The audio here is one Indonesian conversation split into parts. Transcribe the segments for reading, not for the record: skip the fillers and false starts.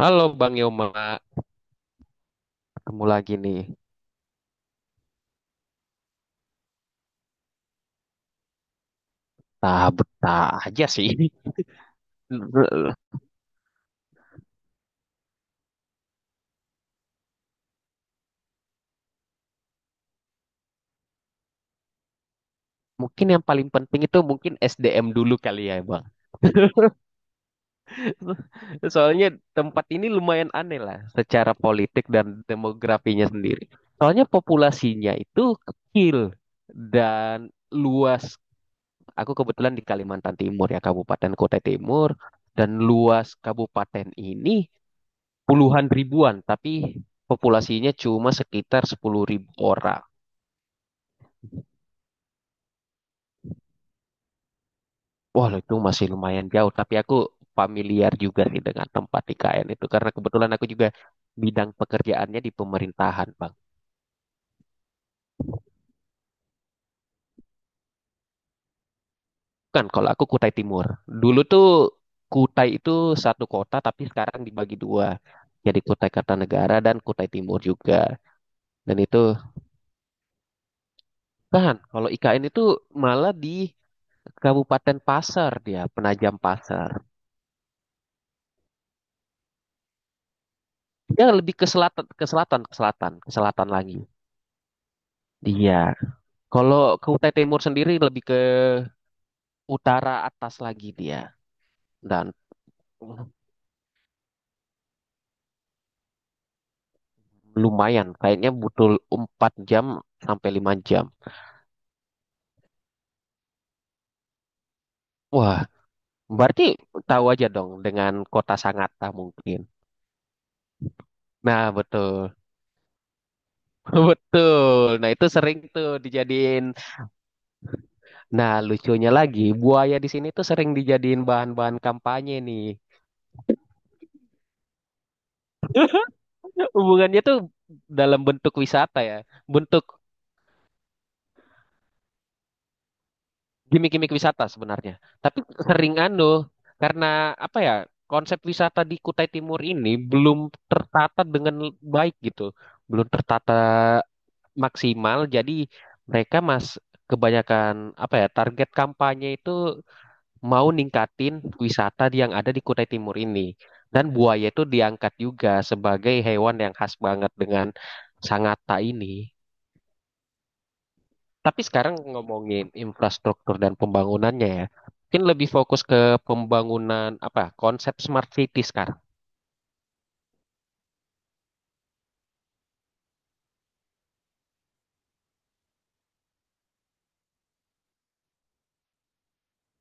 Halo Bang Yoma, ketemu lagi nih. Nah, betah aja sih. Mungkin yang paling penting itu mungkin SDM dulu kali ya, Bang. Soalnya tempat ini lumayan aneh lah secara politik dan demografinya sendiri. Soalnya populasinya itu kecil dan luas. Aku kebetulan di Kalimantan Timur ya, Kabupaten Kutai Timur. Dan luas kabupaten ini puluhan ribuan, tapi populasinya cuma sekitar 10.000 ribu orang. Wah, itu masih lumayan jauh, tapi aku familiar juga sih dengan tempat IKN itu karena kebetulan aku juga bidang pekerjaannya di pemerintahan, Bang. Kan kalau aku Kutai Timur. Dulu tuh Kutai itu satu kota tapi sekarang dibagi dua. Jadi Kutai Kartanegara dan Kutai Timur juga. Dan itu kan kalau IKN itu malah di Kabupaten Pasar dia, Penajam Pasar. Dia lebih ke selatan, ke selatan, ke selatan, ke selatan lagi. Dia. Kalau ke Kutai Timur sendiri lebih ke utara atas lagi dia. Dan lumayan, kayaknya butuh 4 jam sampai 5 jam. Wah, berarti tahu aja dong dengan kota Sangatta mungkin. Nah, betul. Betul. Nah, itu sering tuh dijadiin. Nah, lucunya lagi, buaya di sini tuh sering dijadiin bahan-bahan kampanye nih. Hubungannya tuh dalam bentuk wisata ya. Bentuk gimmick-gimmick wisata sebenarnya. Tapi sering anu karena apa ya konsep wisata di Kutai Timur ini belum tertata dengan baik gitu, belum tertata maksimal. Jadi mereka mas kebanyakan apa ya target kampanye itu mau ningkatin wisata yang ada di Kutai Timur ini. Dan buaya itu diangkat juga sebagai hewan yang khas banget dengan Sangatta ini. Tapi sekarang ngomongin infrastruktur dan pembangunannya ya, mungkin lebih fokus ke pembangunan apa konsep smart city sekarang.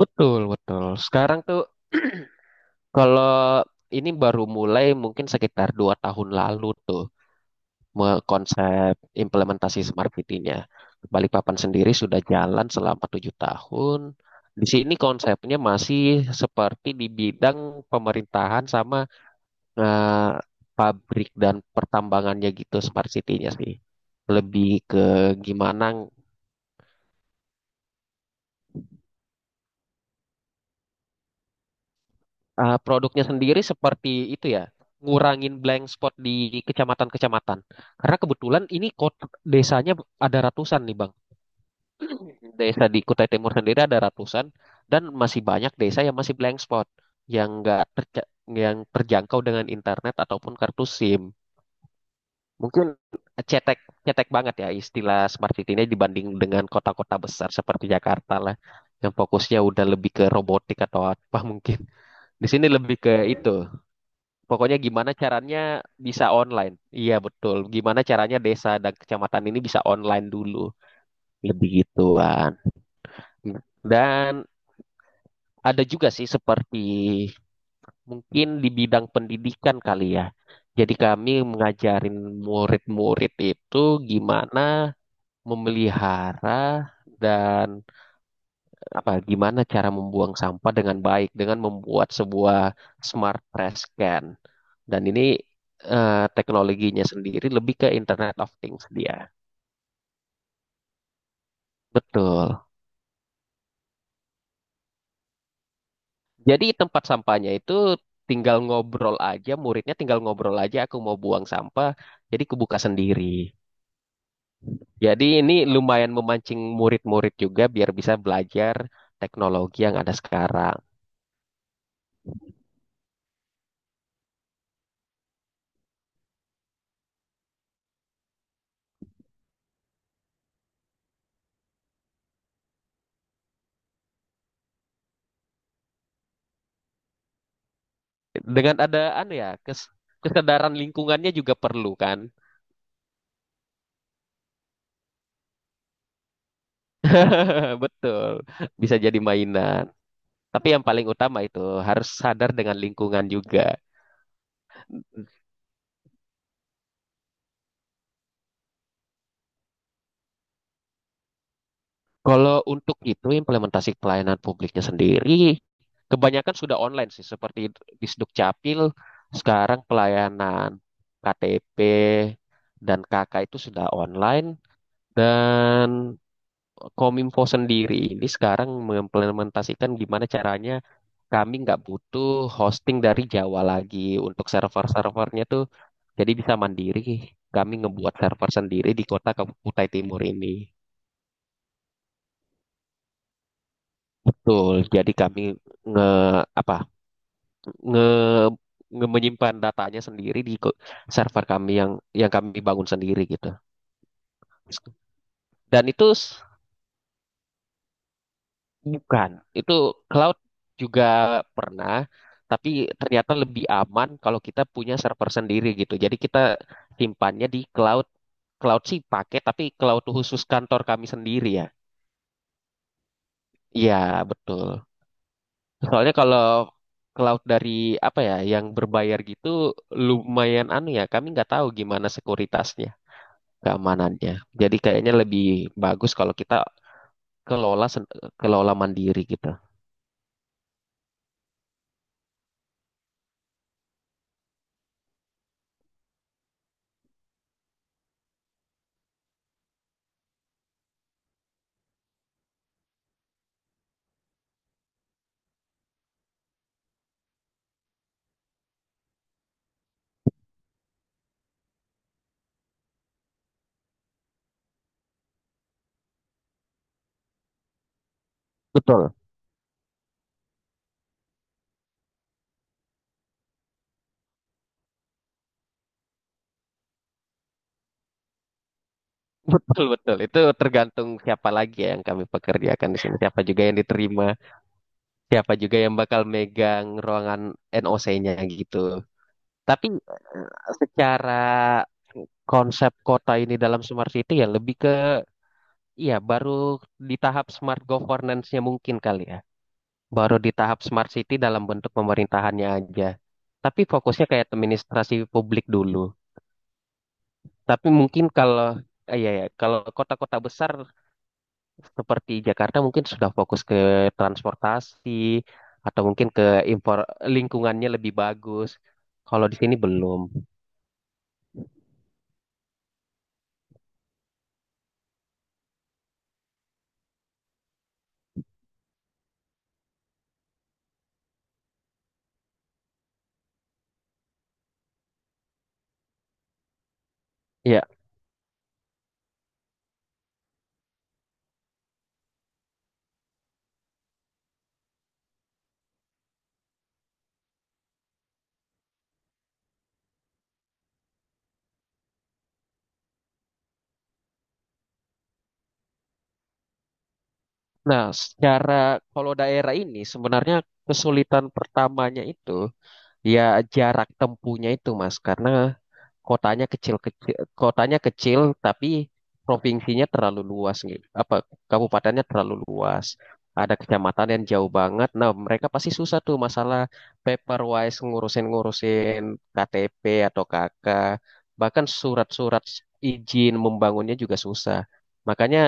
Betul, betul. Sekarang tuh kalau ini baru mulai mungkin sekitar 2 tahun lalu tuh konsep implementasi smart city-nya. Balikpapan sendiri sudah jalan selama 7 tahun. Di sini konsepnya masih seperti di bidang pemerintahan sama eh, pabrik dan pertambangannya gitu smart city-nya sih. Lebih ke gimana produknya sendiri seperti itu ya, ngurangin blank spot di kecamatan-kecamatan. Karena kebetulan ini kota desanya ada ratusan nih, Bang. Desa di Kutai Timur sendiri ada ratusan dan masih banyak desa yang masih blank spot yang enggak yang terjangkau dengan internet ataupun kartu SIM. Mungkin cetek cetek banget ya istilah smart city ini dibanding dengan kota-kota besar seperti Jakarta lah yang fokusnya udah lebih ke robotik atau apa mungkin. Di sini lebih ke itu. Pokoknya gimana caranya bisa online. Iya betul. Gimana caranya desa dan kecamatan ini bisa online dulu. Lebih gituan. Dan ada juga sih seperti mungkin di bidang pendidikan kali ya. Jadi kami mengajarin murid-murid itu gimana memelihara dan apa gimana cara membuang sampah dengan baik dengan membuat sebuah smart trash can. Dan ini teknologinya sendiri lebih ke Internet of Things dia. Betul. Jadi tempat sampahnya itu tinggal ngobrol aja, muridnya tinggal ngobrol aja aku mau buang sampah, jadi kebuka sendiri. Jadi ini lumayan memancing murid-murid juga biar bisa belajar teknologi yang ada sekarang. Dengan ada anu ya, kesadaran lingkungannya juga perlu kan. Betul. Bisa jadi mainan. Tapi yang paling utama itu harus sadar dengan lingkungan juga. Kalau untuk itu implementasi pelayanan publiknya sendiri, kebanyakan sudah online sih, seperti di Sdukcapil, sekarang pelayanan KTP dan KK itu sudah online, dan Kominfo sendiri ini sekarang mengimplementasikan gimana caranya kami nggak butuh hosting dari Jawa lagi untuk server-servernya tuh jadi bisa mandiri. Kami ngebuat server sendiri di kota Kutai Timur ini. Betul. Jadi kami nge apa nge, nge- menyimpan datanya sendiri di server kami yang kami bangun sendiri gitu. Dan itu bukan, itu cloud juga pernah, tapi ternyata lebih aman kalau kita punya server sendiri gitu. Jadi kita simpannya di cloud. Cloud sih pakai, tapi cloud khusus kantor kami sendiri ya. Iya, betul. Soalnya kalau cloud dari apa ya, yang berbayar gitu lumayan anu ya, kami nggak tahu gimana sekuritasnya, keamanannya. Jadi kayaknya lebih bagus kalau kita kelola kelola mandiri gitu. Betul. Betul, betul. Itu tergantung siapa lagi ya yang kami pekerjakan di sini. Siapa juga yang diterima, siapa juga yang bakal megang ruangan NOC-nya gitu. Tapi secara konsep kota ini dalam smart city ya lebih ke, iya baru di tahap smart governance-nya mungkin kali ya. Baru di tahap smart city dalam bentuk pemerintahannya aja. Tapi fokusnya kayak administrasi publik dulu. Tapi mungkin kalau, iya ya, kalau kota-kota besar seperti Jakarta mungkin sudah fokus ke transportasi atau mungkin ke impor lingkungannya lebih bagus. Kalau di sini belum. Ya. Nah, secara kalau daerah ini sebenarnya kesulitan pertamanya itu ya jarak tempuhnya itu, Mas, karena kotanya kecil-kecil, kotanya kecil tapi provinsinya terlalu luas gitu. Apa kabupatennya terlalu luas. Ada kecamatan yang jauh banget. Nah, mereka pasti susah tuh masalah paperwise ngurusin-ngurusin KTP atau KK, bahkan surat-surat izin membangunnya juga susah. Makanya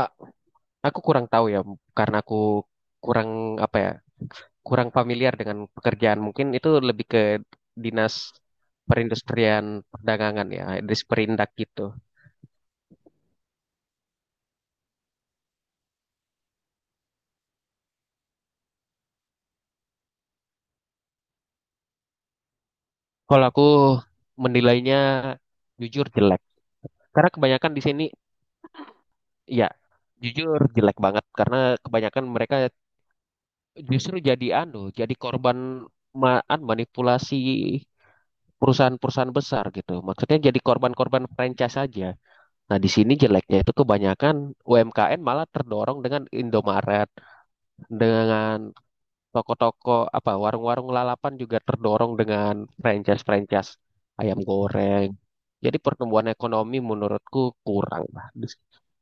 a- aku kurang tahu ya karena aku kurang apa ya kurang familiar dengan pekerjaan. Mungkin itu lebih ke dinas perindustrian perdagangan ya, disperindak gitu. Kalau aku menilainya jujur jelek. Karena kebanyakan di sini ya jujur jelek banget karena kebanyakan mereka justru jadi anu, jadi korban anu, manipulasi perusahaan-perusahaan besar gitu. Maksudnya jadi korban-korban franchise saja. Nah, di sini jeleknya itu kebanyakan UMKM malah terdorong dengan Indomaret, dengan toko-toko apa warung-warung lalapan juga terdorong dengan franchise-franchise ayam goreng. Jadi pertumbuhan ekonomi menurutku kurang lah.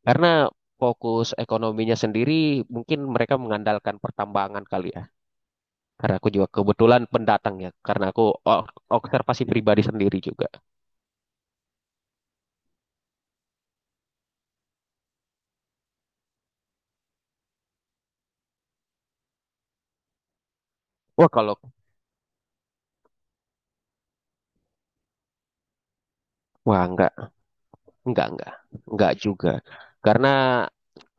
Karena fokus ekonominya sendiri mungkin mereka mengandalkan pertambangan kali ya. Karena aku juga kebetulan pendatang ya. Karena aku o- observasi pribadi sendiri juga. Wah, kalau, wah, enggak. Enggak, enggak. Enggak juga. Karena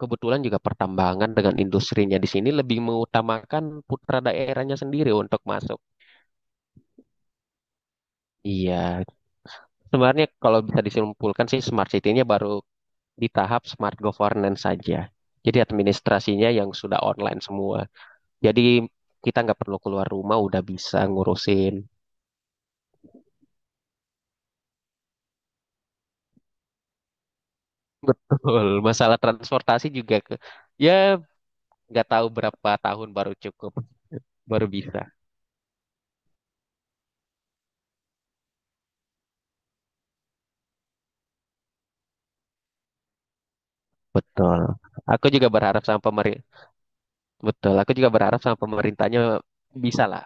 kebetulan juga pertambangan dengan industrinya di sini lebih mengutamakan putra daerahnya sendiri untuk masuk. Iya. Sebenarnya kalau bisa disimpulkan sih smart city-nya baru di tahap smart governance saja. Jadi administrasinya yang sudah online semua. Jadi kita nggak perlu keluar rumah udah bisa ngurusin. Betul. Masalah transportasi juga ke, ya nggak tahu berapa tahun baru cukup, baru bisa. Betul. Aku juga berharap sama pemerintah. Betul. Aku juga berharap sama pemerintahnya bisa lah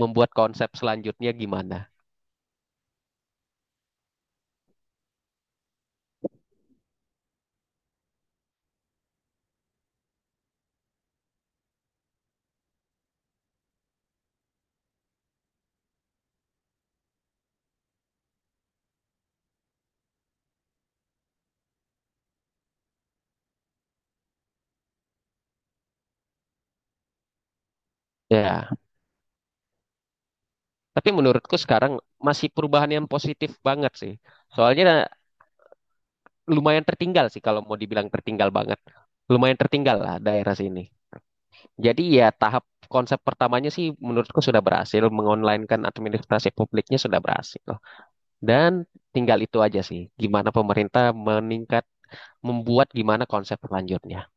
membuat konsep selanjutnya gimana. Ya. Tapi menurutku sekarang masih perubahan yang positif banget sih. Soalnya lumayan tertinggal sih kalau mau dibilang tertinggal banget. Lumayan tertinggal lah daerah sini. Jadi ya tahap konsep pertamanya sih menurutku sudah berhasil. Mengonlinekan administrasi publiknya sudah berhasil. Dan tinggal itu aja sih. Gimana pemerintah meningkat membuat gimana konsep selanjutnya.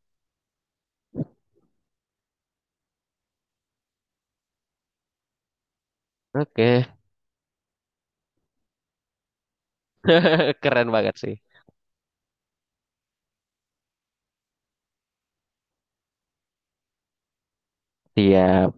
Oke. Keren banget sih, iya